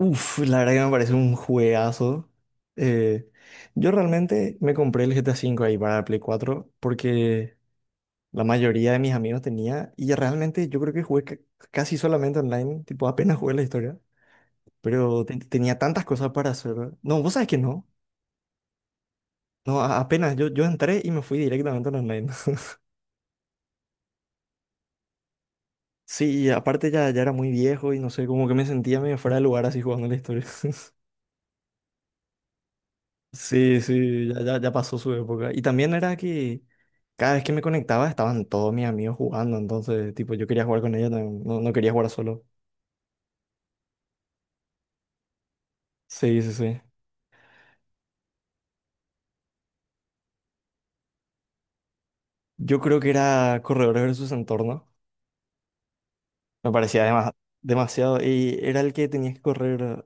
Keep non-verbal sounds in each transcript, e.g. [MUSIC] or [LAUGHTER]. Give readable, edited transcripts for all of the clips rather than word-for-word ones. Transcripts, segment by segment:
Uf, la verdad que me parece un juegazo. Eh, yo realmente me compré el GTA V ahí para la Play 4 porque la mayoría de mis amigos tenía y realmente yo creo que jugué casi solamente online, tipo apenas jugué la historia, pero tenía tantas cosas para hacer. No, vos sabés que no. No, apenas yo, entré y me fui directamente al online. [LAUGHS] Sí, y aparte ya era muy viejo y no sé, como que me sentía medio fuera de lugar así jugando la historia. [LAUGHS] Sí, sí, ya, ya, ya pasó su época. Y también era que cada vez que me conectaba estaban todos mis amigos jugando, entonces, tipo, yo quería jugar con ellos, no, no no quería jugar solo. Sí, sí, sí. Yo creo que era Corredores versus Entorno. Me parecía demasiado. Y era el que tenías que correr,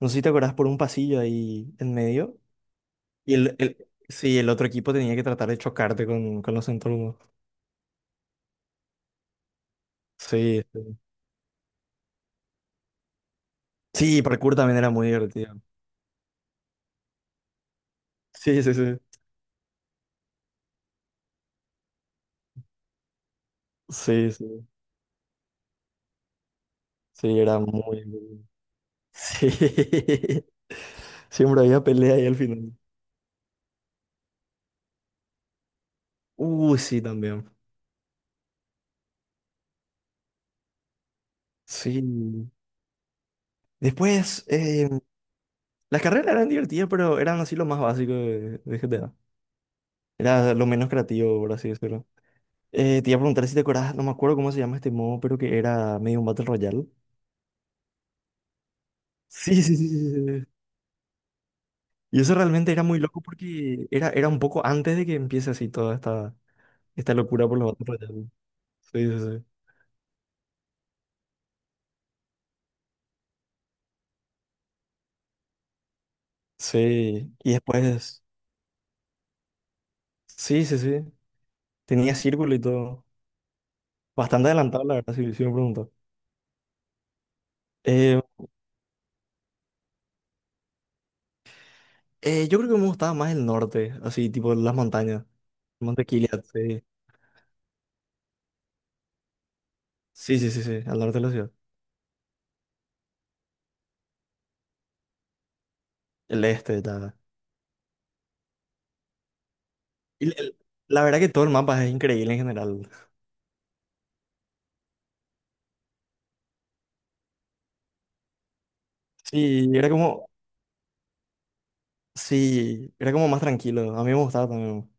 no sé si te acordás, por un pasillo ahí en medio. Y sí, el otro equipo tenía que tratar de chocarte con los entornos. Sí, sí. Sí, parkour también era muy divertido. Sí, sí, sí. Sí, sí. Sí, era muy, muy divertido. Sí, [LAUGHS] siempre había pelea ahí al final. Sí, también. Sí. Después, las carreras eran divertidas, pero eran así lo más básico de GTA. Era lo menos creativo, por así decirlo. Te iba a preguntar si te acordás, no me acuerdo cómo se llama este modo, pero que era medio un Battle Royale. Sí, sí, sí, sí, sí, sí, sí. Y eso realmente era muy loco porque era, un poco antes de que empiece así toda esta locura por los Battle Royale. Sí, sí, sí. Sí, y después. Sí, sí, sí. Tenía círculo y todo. Bastante adelantado, la verdad, si me preguntas. Eh, yo creo que me gustaba más el norte, así, tipo las montañas. Monte Kiliat, sí. Sí, sí, sí, sí, al norte de la ciudad. El este, tal. Y la verdad que todo el mapa es increíble en general. Sí, sí, era como más tranquilo. A mí me gustaba también.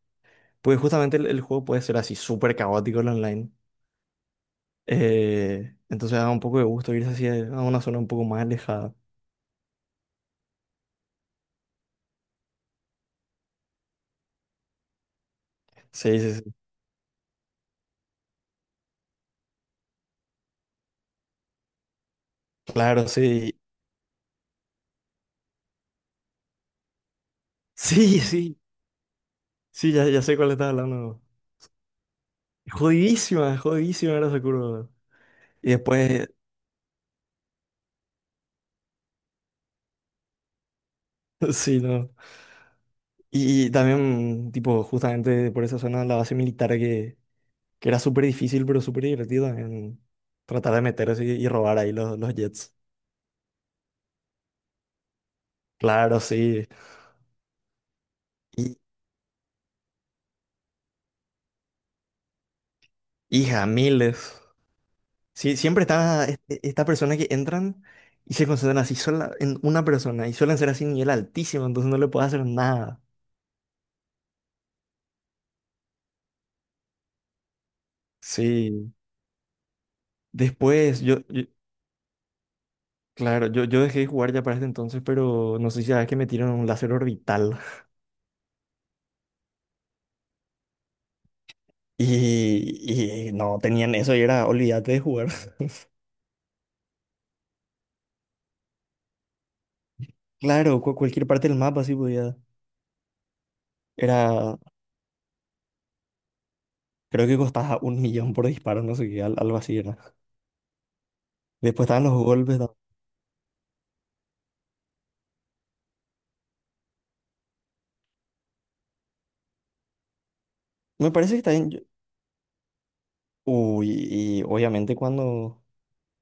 Porque justamente el juego puede ser así, súper caótico el online. Entonces da un poco de gusto irse así a una zona un poco más alejada. Sí, sí, sí. Claro, sí. Sí, sí. Sí, ya, ya sé cuál estás hablando. Jodidísima, jodidísima era esa curva. Y después, [LAUGHS] sí, no. Y también, tipo, justamente por esa zona, la base militar que era súper difícil, pero súper divertida en tratar de meterse y robar ahí los jets. Claro, sí. Y, hija, miles. Sí, siempre está esta persona que entran y se concentran así sola en una persona y suelen ser así nivel altísimo, entonces no le puedo hacer nada. Sí, después yo. Claro, yo dejé de jugar ya para ese entonces, pero no sé si sabes que me tiraron un láser orbital [LAUGHS] y no tenían eso y era olvídate de jugar. [LAUGHS] Claro, cualquier parte del mapa sí podía. Era, Creo que costaba un millón por disparo, no sé qué, algo así era. Después estaban los golpes. Me parece que está bien. Uy, y obviamente cuando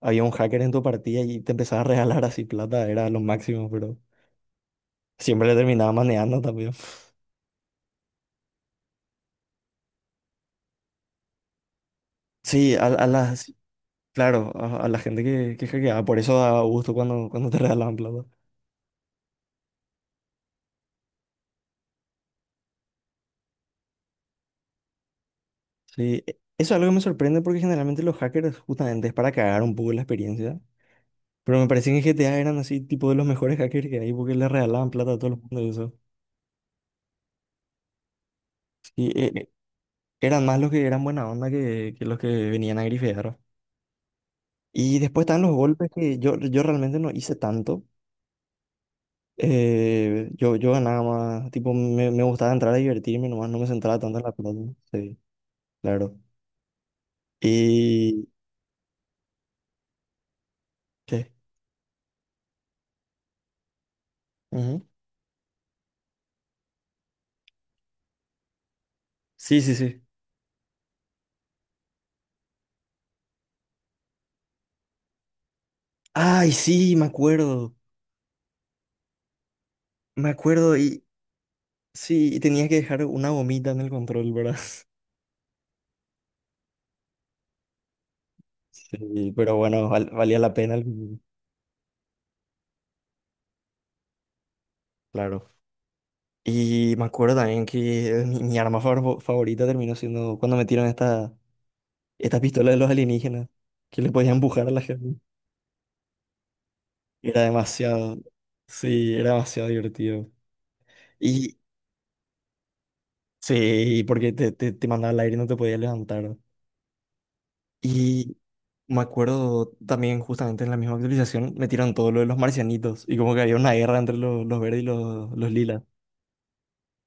había un hacker en tu partida y te empezaba a regalar así plata, era lo máximo, pero siempre le terminaba manejando también. Sí, a las. Claro, a la gente que hackeaba, por eso da gusto cuando te [LAUGHS] regalaban plata. Sí, eso es algo que me sorprende porque generalmente los hackers justamente es para cagar un poco la experiencia. Pero me parece que en GTA eran así, tipo de los mejores hackers que hay porque le regalaban plata a todo el mundo y eso. Y eran más los que eran buena onda que los que venían a grifear. Y después estaban los golpes que yo realmente no hice tanto. Yo ganaba más, tipo, me gustaba entrar a divertirme nomás, no me centraba tanto en la plata. Sí, claro. Y. ¿Qué? Ujú. Sí, sí, sí. Ay, sí, me acuerdo. Me acuerdo y sí, y tenía que dejar una gomita en el control, ¿verdad? [LAUGHS] Sí, pero bueno, valía la pena, claro. Y me acuerdo también que mi arma favorita terminó siendo cuando metieron esta pistola de los alienígenas, que le podían empujar a la gente. Era demasiado, sí, era demasiado divertido. Y sí, porque te mandaba al aire y no te podías levantar. Y me acuerdo también justamente en la misma actualización metieron todo lo de los marcianitos y como que había una guerra entre los verdes y los lilas.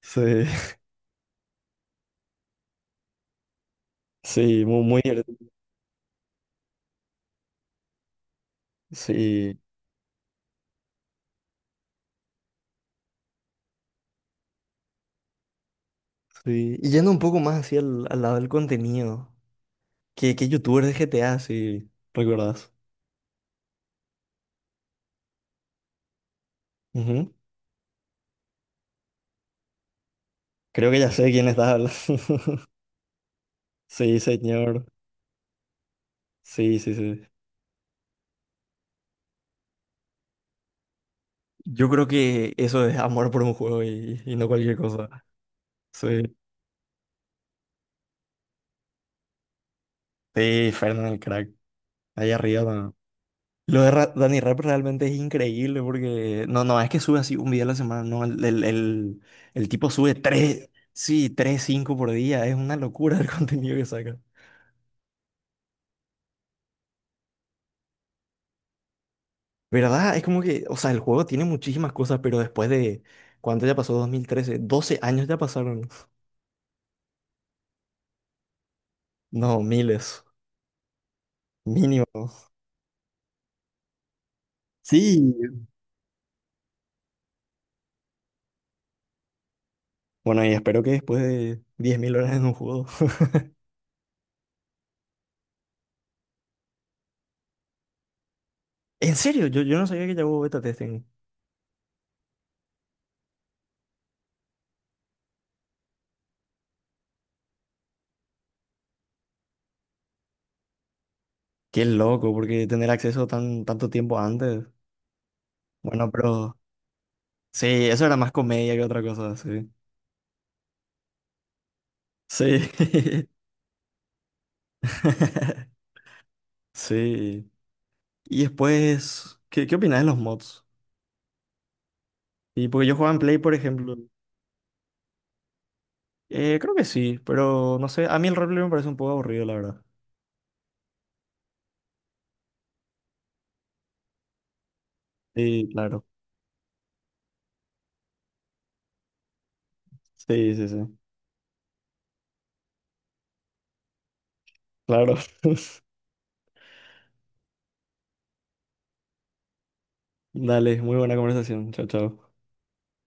Sí, [LAUGHS] sí, muy, muy divertido. Sí, sí. Y yendo un poco más hacia al lado del contenido, qué youtubers de GTA, si recuerdas? Ujú. Creo que ya sé quién está. [LAUGHS] Sí, señor. Sí, sí, sí. Yo creo que eso es amor por un juego y no cualquier cosa. Sí. Sí, Fernan el crack. Ahí arriba. Lo de Dani Rap realmente es increíble porque no, no es que sube así un video a la semana, no, el tipo sube tres, sí, tres, cinco por día, es una locura el [LAUGHS] contenido que saca. ¿Verdad? Es como que, o sea, el juego tiene muchísimas cosas, pero después de, ¿cuánto ya pasó? 2013, 12 años ya pasaron. [LAUGHS] No, miles, mínimo. Sí. Bueno, y espero que después de 10.000 horas en un juego. [LAUGHS] En serio, yo no sabía que ya hubo beta testing. Qué loco, porque tener acceso tanto tiempo antes. Bueno, pero. Sí, eso era más comedia que otra cosa, sí. Sí. [LAUGHS] Sí. Y después, qué opinas de los mods? Y porque yo jugaba en Play, por ejemplo. Creo que sí, pero no sé, a mí el roleplay me parece un poco aburrido, la verdad. Sí, claro. Sí, sí, sí. Claro. [LAUGHS] Dale, muy buena conversación. Chao, chao.